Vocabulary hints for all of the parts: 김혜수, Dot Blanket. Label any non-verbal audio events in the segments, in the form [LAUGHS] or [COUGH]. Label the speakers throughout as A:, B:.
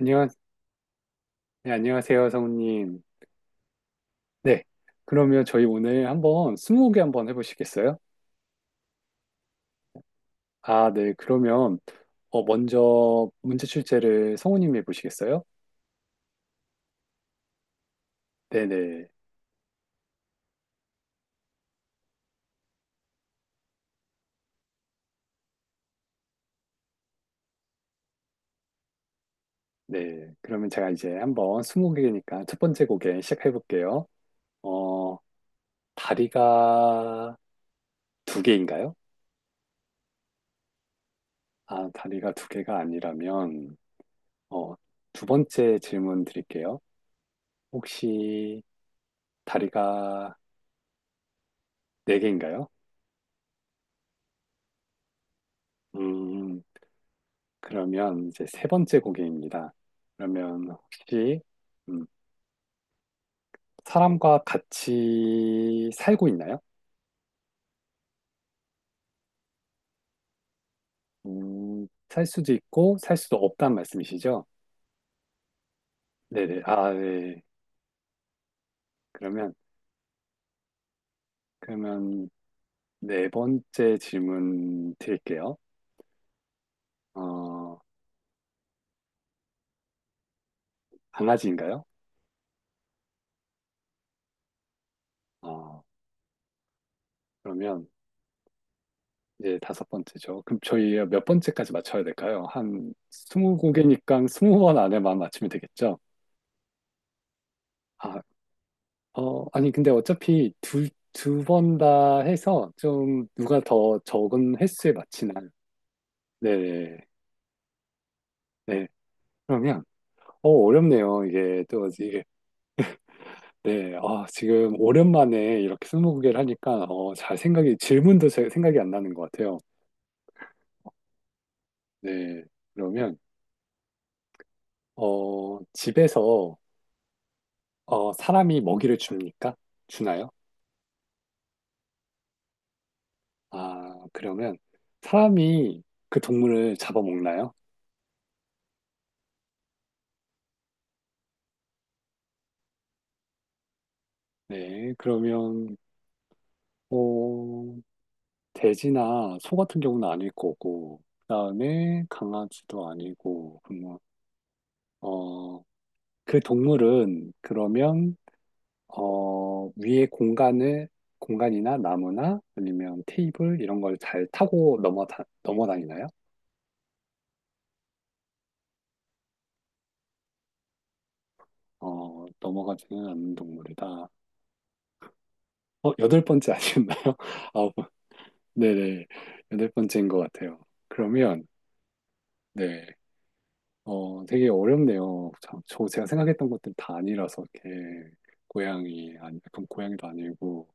A: 안녕하, 네, 안녕하세요, 성우님. 네, 그러면 저희 오늘 한번 스무고개 한번 해보시겠어요? 아, 네, 그러면 먼저 문제 출제를 성우님이 해보시겠어요? 네네, 네. 네. 그러면 제가 이제 한번 스무고개니까 첫 번째 고개 시작해볼게요. 어, 다리가 두 개인가요? 아, 다리가 두 개가 아니라면 어, 두 번째 질문 드릴게요. 혹시 다리가 네 개인가요? 음. 그러면 이제 세 번째 고개입니다. 그러면 혹시 음, 사람과 같이 살고 있나요? 살 수도 있고 살 수도 없다는 말씀이시죠? 네네. 아, 네. 그러면 그러면 네 번째 질문 드릴게요. 어, 강아지인가요? 어, 그러면 이제 다섯 번째죠. 그럼 저희 몇 번째까지 맞춰야 될까요? 한 스무 고개니까 스무 번 안에만 맞추면 되겠죠? 아, 아니, 근데 어차피 두 번 다 해서 좀 누가 더 적은 횟수에 맞추나. 네, 네. 그러면, 어렵네요. 이게 또, 이게, 네. 아, 지금 오랜만에 이렇게 스무고개를 하니까, 잘 생각이, 질문도 잘 생각이 안 나는 것 같아요. 네. 그러면, 집에서, 사람이 먹이를 줍니까? 주나요? 아, 그러면, 사람이 그 동물을 잡아먹나요? 네. 그러면, 어, 돼지나 소 같은 경우는 아닐 거고, 그다음에 강아지도 아니고, 그러면 어, 그 동물은 그러면 위에 공간을 공간이나 나무나 아니면 테이블 이런 걸 잘 타고 넘어 다니나요? 넘어가지는 않는 동물이다. 여덟 번째 아었나요 [LAUGHS] 아, 네네. 여덟 번째인 것 같아요. 그러면 네. 되게 어렵네요. 참, 제가 생각했던 것들 다 아니라서 이렇게 고양이 아니 약간 고양이도 아니고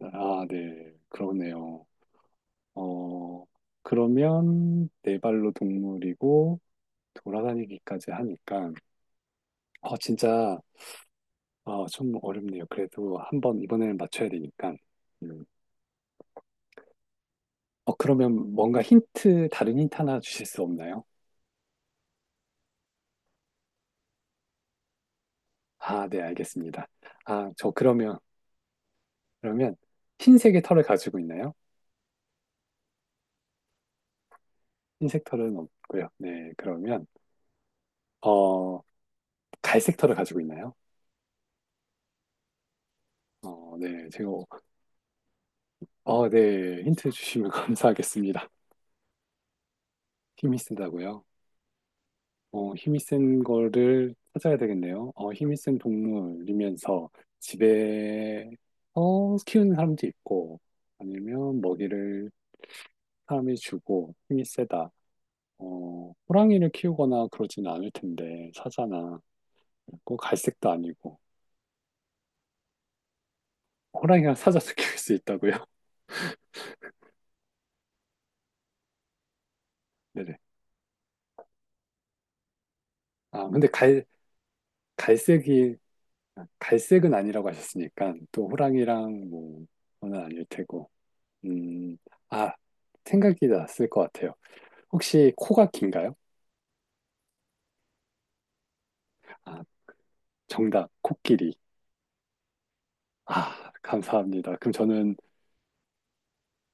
A: 아, 네. 그러네요. 어, 그러면 네 발로 동물이고 돌아다니기까지 하니까 진짜 좀 어렵네요. 그래도 한번 이번에는 맞춰야 되니까. 음. 그러면 뭔가 힌트 다른 힌트 하나 주실 수 없나요? 아, 네, 알겠습니다. 아, 저 그러면 그러면 흰색의 털을 가지고 있나요? 흰 섹터는 없고요. 네, 그러면 어, 갈 섹터를 가지고 있나요? 네, 제가 네, 힌트 주시면 [LAUGHS] 감사하겠습니다. 힘이 세다고요? 힘이 센 거를 찾아야 되겠네요. 힘이 센 동물이면서 집에 키우는 사람도 있고 아니면 먹이를 사람이 주고 힘이 세다. 호랑이를 키우거나 그러진 않을 텐데 사자나 꼭 갈색도 아니고 호랑이랑 사자도 [LAUGHS] 키울 수 있다고요? [LAUGHS] 네네. 아, 근데 갈색이, 갈색은 아니라고 하셨으니까, 또 호랑이랑 뭐, 그건 아닐 테고. 음, 아, 생각이 났을 것 같아요. 혹시 코가 긴가요? 아, 정답, 코끼리. 아, 감사합니다. 그럼 저는,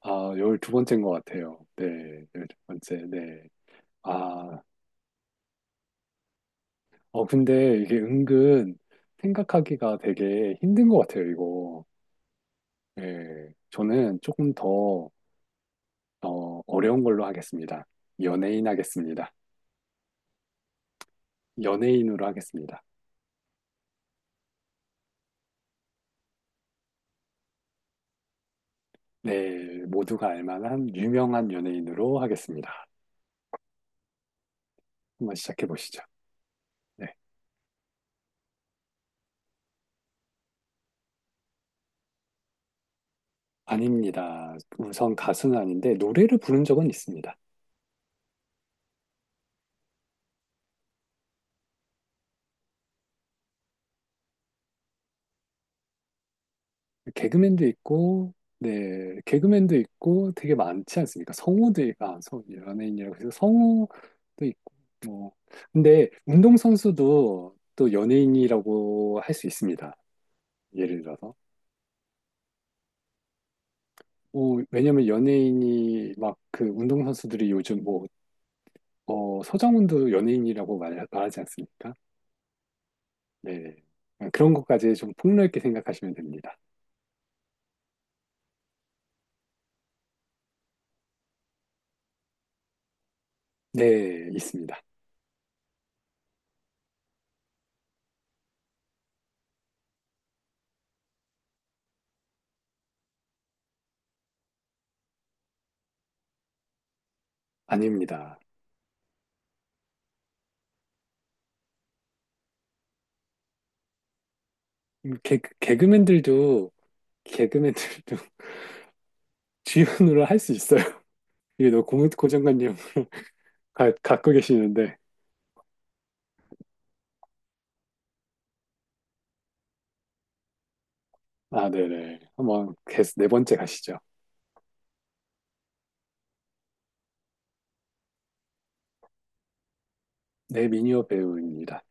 A: 아, 열두 번째인 것 같아요. 네, 12번째, 네. 아, 근데 이게 은근 생각하기가 되게 힘든 것 같아요, 이거. 네, 저는 조금 더, 어려운 걸로 하겠습니다. 연예인 하겠습니다. 연예인으로 하겠습니다. 네, 모두가 알 만한 유명한 연예인으로 하겠습니다. 한번 시작해 보시죠. 네. 아닙니다. 우선 가수는 아닌데 노래를 부른 적은 있습니다. 개그맨도 있고, 네, 개그맨도 있고 되게 많지 않습니까? 성우도, 아, 성우, 연예인이라고 해서 성우도 있고, 뭐. 근데 운동선수도 또 연예인이라고 할 수 있습니다. 예를 들어서. 왜냐면 연예인이 막 그 운동선수들이 요즘 뭐, 서정훈도 연예인이라고 말하지 않습니까? 네. 그런 것까지 좀 폭넓게 생각하시면 됩니다. 네, 있습니다. 아닙니다. 음, 개, 개그맨들도, 개그맨들도 [LAUGHS] 주연으로 할 수 있어요. 이게 너무 고정관념 갖고 계시는데. 아, 네네. 한번 네 번째 가시죠. 네, 미니어 배우입니다.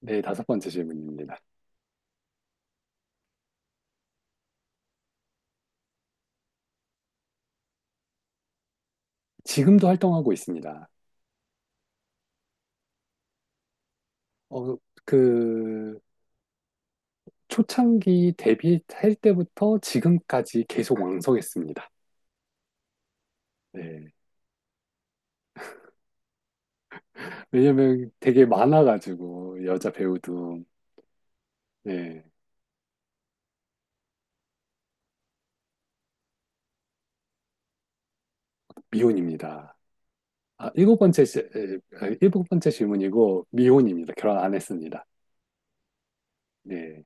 A: 네, 다섯 번째 질문입니다. 지금도 활동하고 있습니다. 어, 그 초창기 데뷔할 때부터 지금까지 계속 왕성했습니다. 네. 왜냐면 되게 많아가지고, 여자 배우도, 네, 미혼입니다. 아, 일곱 번째, 시- 에, 아, 일곱 번째 질문이고, 미혼입니다. 결혼 안 했습니다. 네.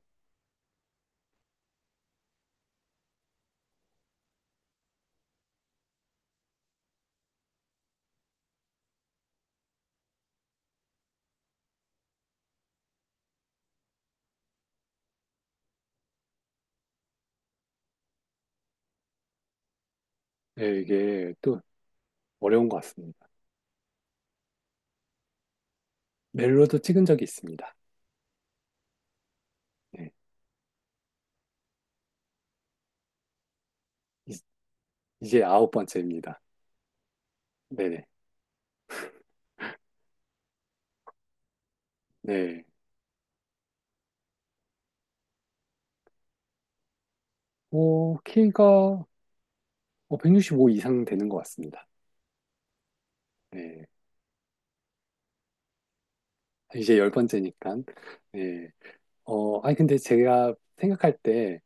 A: 네, 이게 또 어려운 것 같습니다. 멜로도 찍은 적이 있습니다. 네. 이- 이제 아홉 번째입니다. 네네. 네. 오, 키가 165 이상 되는 것 같습니다. 네. 이제 열 번째니까. 네. 아니, 근데 제가 생각할 때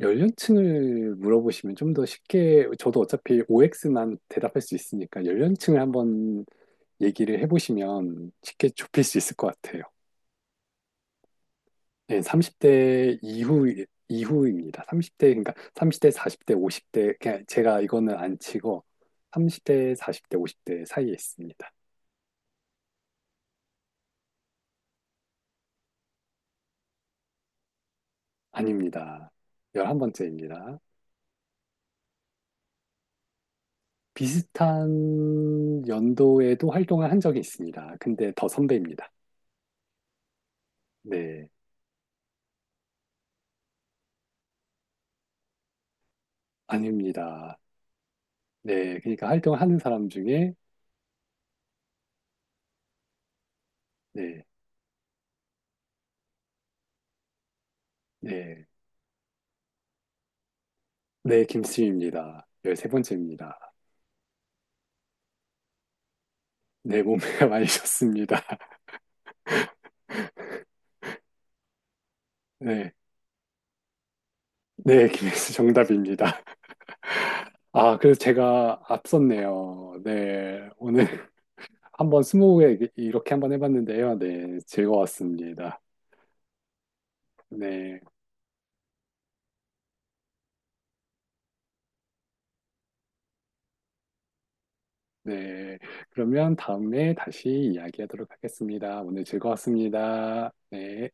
A: 연령층을 물어보시면 좀 더 쉽게, 저도 어차피 OX만 대답할 수 있으니까 연령층을 한번 얘기를 해보시면 쉽게 좁힐 수 있을 것 같아요. 네, 30대 이후입니다. 30대, 그러니까 30대, 40대, 50대, 그냥 제가 이거는 안 치고 30대, 40대, 50대 사이에 있습니다. 아닙니다. 11번째입니다. 비슷한 연도에도 활동을 한 적이 있습니다. 근데 더 선배입니다. 네, 아닙니다. 네, 그러니까 활동을 하는 사람 중에 네, 네, 네, 김씨입니다. 13번째입니다. 네, 몸매가 많이 좋습니다. [LAUGHS] 네, 네, 김혜수 정답입니다. 아, 그래서 제가 앞섰네요. 네, 오늘 [LAUGHS] 한번 스무고개 이렇게 한번 해봤는데요. 네, 즐거웠습니다. 네, 네, 그러면 다음에 다시 이야기하도록 하겠습니다. 오늘 즐거웠습니다. 네.